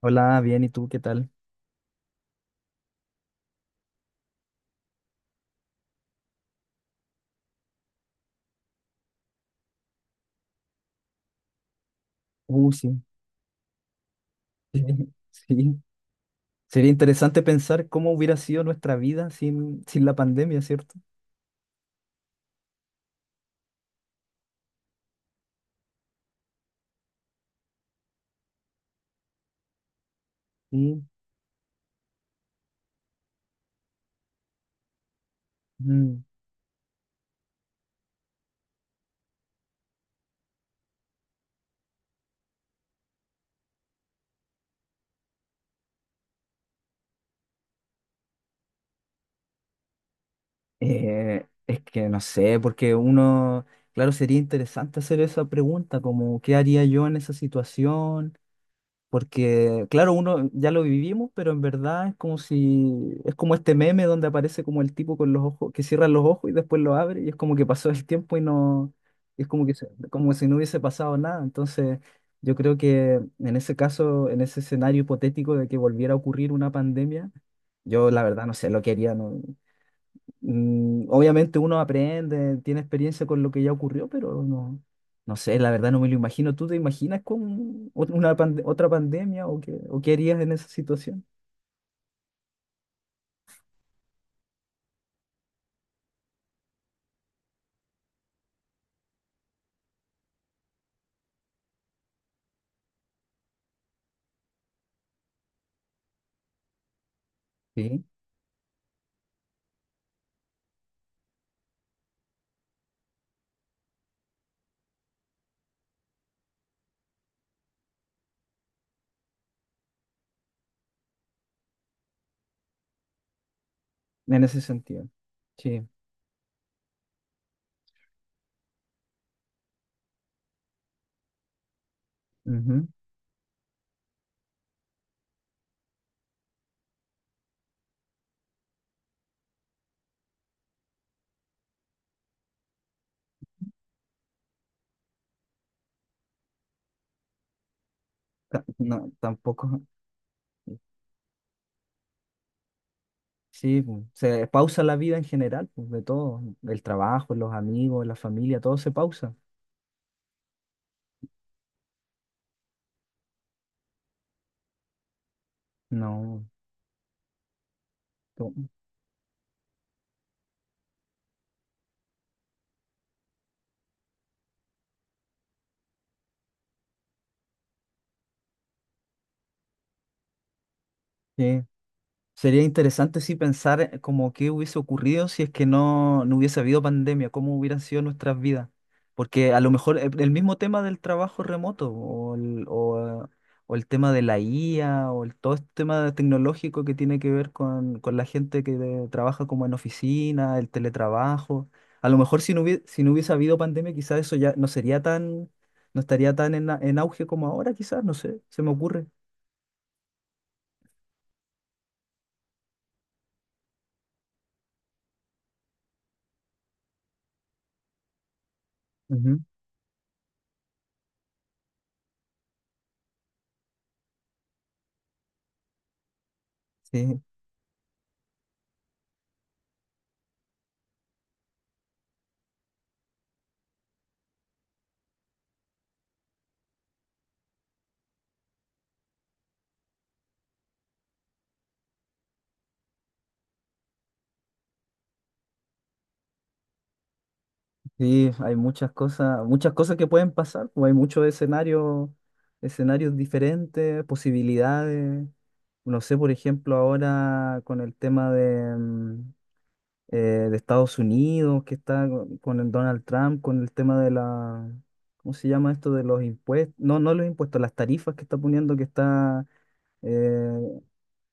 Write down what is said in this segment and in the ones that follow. Hola, bien, ¿y tú qué tal? Uh, sí, sí. Sí. Sería interesante pensar cómo hubiera sido nuestra vida sin la pandemia, ¿cierto? Sí. Mm. Es que no sé, porque uno, claro, sería interesante hacer esa pregunta, como, ¿qué haría yo en esa situación? Porque, claro, uno ya lo vivimos, pero en verdad es como si, es como este meme donde aparece como el tipo con los ojos, que cierra los ojos y después lo abre, y es como que pasó el tiempo y no, es como que, como si no hubiese pasado nada. Entonces, yo creo que en ese caso, en ese escenario hipotético de que volviera a ocurrir una pandemia, yo la verdad no sé lo que haría, no. Obviamente uno aprende, tiene experiencia con lo que ya ocurrió, pero no, no sé, la verdad no me lo imagino. ¿Tú te imaginas con otra pandemia o qué harías en esa situación? Sí, en ese sentido. Sí. Ujú. No, tampoco. Sí, pu, se pausa la vida en general, pues, de todo, el trabajo, los amigos, la familia, todo se pausa. No, to- sí. Sería interesante sí pensar como qué hubiese ocurrido si es que no hubiese habido pandemia, cómo hubieran sido nuestras vidas. Porque a lo mejor el mismo tema del trabajo remoto o el tema de la IA todo este tema tecnológico que tiene que ver con la gente que trabaja como en oficina, el teletrabajo. A lo mejor si no hubiese habido pandemia, quizás eso ya no sería tan, no estaría tan en, en auge como ahora, quizás, no sé, se me ocurre. Ujú. Sí. Sí, hay muchas cosas que pueden pasar, pues hay muchos escenarios, escenarios diferentes, posibilidades. No sé, por ejemplo, ahora con el tema de, eh, de Estados Unidos, que está con el Donald Trump, con el tema de la, ¿cómo se llama esto? De los impuestos, no, no los impuestos, las tarifas que está poniendo, que está eh,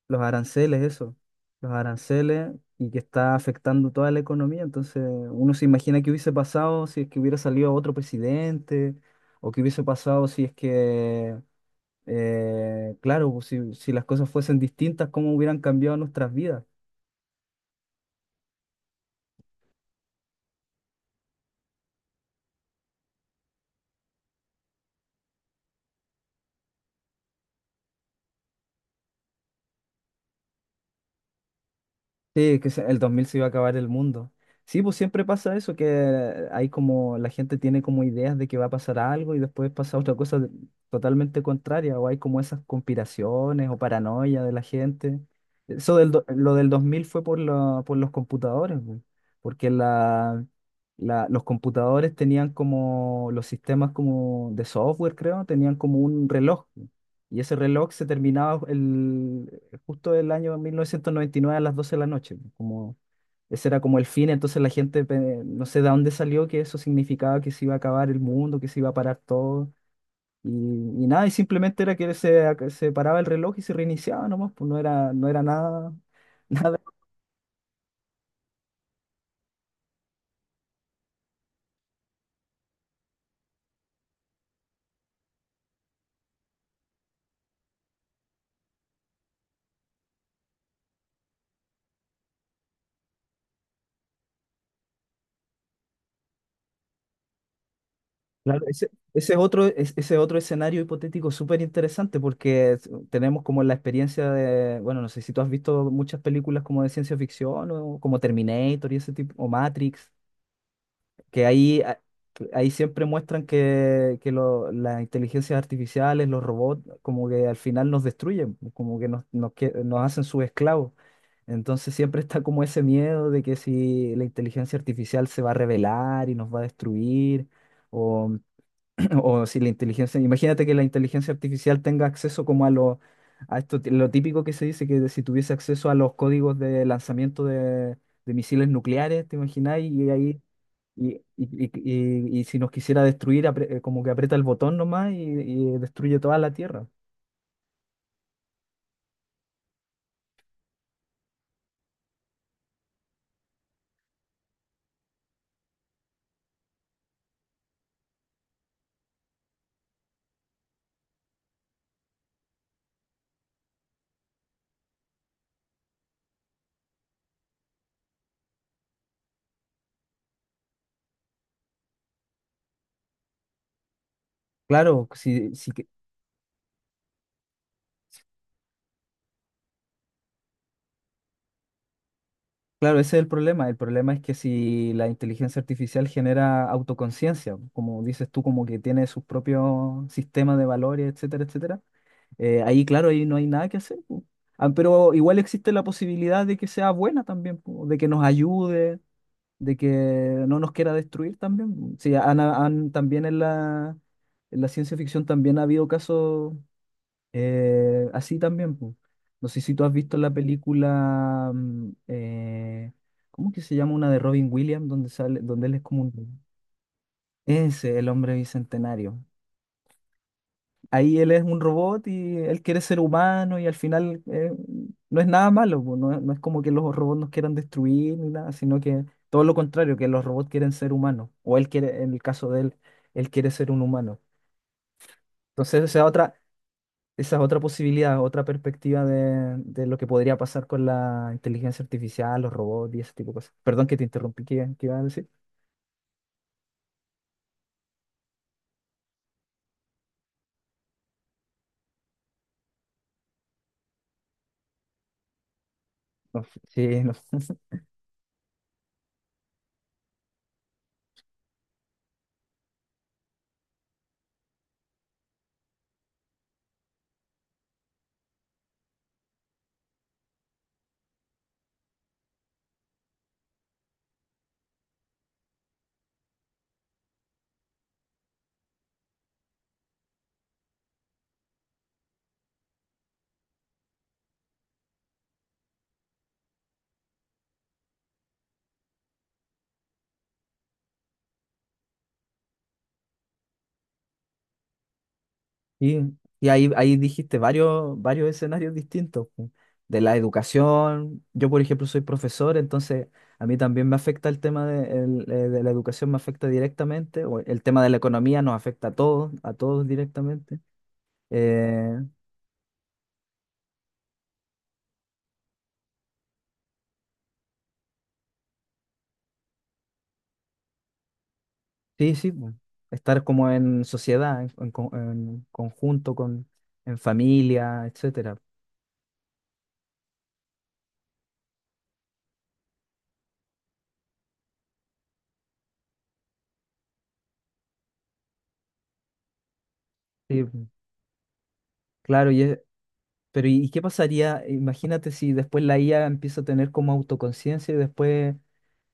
los aranceles, eso, los aranceles, y que está afectando toda la economía. Entonces, uno se imagina qué hubiese pasado si es que hubiera salido otro presidente o qué hubiese pasado si es que, claro, pues, si, si las cosas fuesen distintas, cómo hubieran cambiado nuestras vidas. Sí, que el 2000 se iba a acabar el mundo. Sí, pues siempre pasa eso, que hay como, la gente tiene como ideas de que va a pasar algo y después pasa otra cosa totalmente contraria, o hay como esas conspiraciones o paranoia de la gente. Eso del, lo del 2000 fue por, por los computadores, bu, porque la, los computadores tenían como, los sistemas como de software, creo, tenían como un reloj. Bu, y ese reloj se terminaba justo el año 1999 a las 12 de la noche, pues, como ese era como el fin, entonces la gente no sé de dónde salió que eso significaba que se iba a acabar el mundo, que se iba a parar todo y, y nada, y simplemente era que se, se paraba el reloj y se reiniciaba nomás, pues no era nada, nada. Claro, ese es otro, ese es otro escenario hipotético súper interesante porque tenemos como la experiencia de, bueno, no sé si tú has visto muchas películas como de ciencia ficción o como Terminator y ese tipo, o Matrix. Que ahí, a- que ahí siempre muestran que las inteligencias artificiales, los robots, como que al final nos destruyen, como que nos hacen sus esclavos. Entonces siempre está como ese miedo de que si la inteligencia artificial se va a rebelar y nos va a destruir, o, o si la inteligencia, imagínate que la inteligencia artificial tenga acceso como a lo, a esto, lo típico que se dice, que si tuviese acceso a los códigos de lanzamiento de misiles nucleares, ¿te imagináis? Y ahí y si nos quisiera destruir, como que aprieta el botón nomás y destruye toda la Tierra. Claro, si, si que- claro, ese es el problema. El problema es que si la inteligencia artificial genera autoconciencia, como dices tú, como que tiene sus propios sistemas de valores, etcétera, etcétera, ahí, claro, ahí no hay nada que hacer, po. Ah, pero igual existe la posibilidad de que sea buena también, po, de que nos ayude, de que no nos quiera destruir también. Sí, también en la ciencia ficción también ha habido casos así también, po. No sé si tú has visto la película, ¿cómo que se llama? Una de Robin Williams, donde sale, donde él es como un... Ese, el hombre bicentenario. Ahí él es un robot y él quiere ser humano y al final no es nada malo, pues, no, no es como que los robots nos quieran destruir ni nada, sino que todo lo contrario, que los robots quieren ser humanos, o él quiere, en el caso de él, él quiere ser un humano. Entonces esa otra, esa es otra posibilidad, otra perspectiva de lo que podría pasar con la inteligencia artificial, los robots y ese tipo de cosas. Perdón que te interrumpí, ¿qué, qué iba a decir? No, sí, no. Y, y ahí, ahí dijiste varios, varios escenarios distintos, pu, de la educación. Yo, por ejemplo, soy profesor, entonces a mí también me afecta el tema de, de la educación, me afecta directamente, o el tema de la economía nos afecta a todos directamente. Eh, sí, sí, pu, estar como en sociedad, en conjunto, con, en familia, etcétera. Sí, pu, claro, y pero ¿y qué pasaría? Imagínate si después la IA empieza a tener como autoconciencia y después.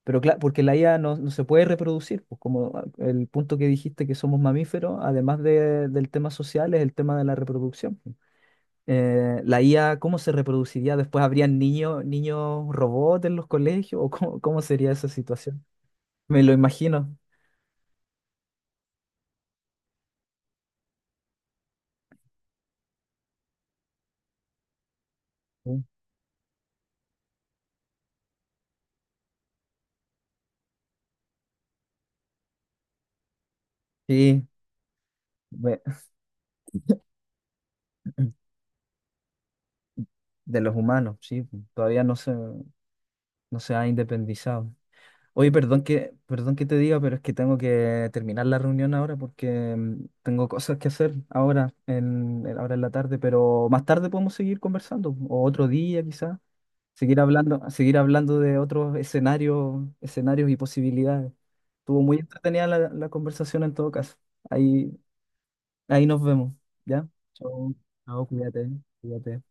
Pero claro, porque la IA no, no se puede reproducir, pues como el punto que dijiste que somos mamíferos, además del tema social, es el tema de la reproducción, pues. La IA, ¿cómo se reproduciría? ¿Después habrían niños, niños robots en los colegios? ¿O cómo, cómo sería esa situación? Me lo imagino. Sí. Sí, me- de los humanos, sí, pues, todavía no se, no se ha independizado. Oye, perdón que te diga, pero es que tengo que terminar la reunión ahora porque tengo cosas que hacer ahora en, ahora en la tarde, pero más tarde podemos seguir conversando, o otro día quizás, seguir hablando de otros escenarios, escenarios y posibilidades. Estuvo muy entretenida la, la conversación en todo caso. Ahí, ahí nos vemos, ¿ya? Chao, chao, cuídate, cuídate.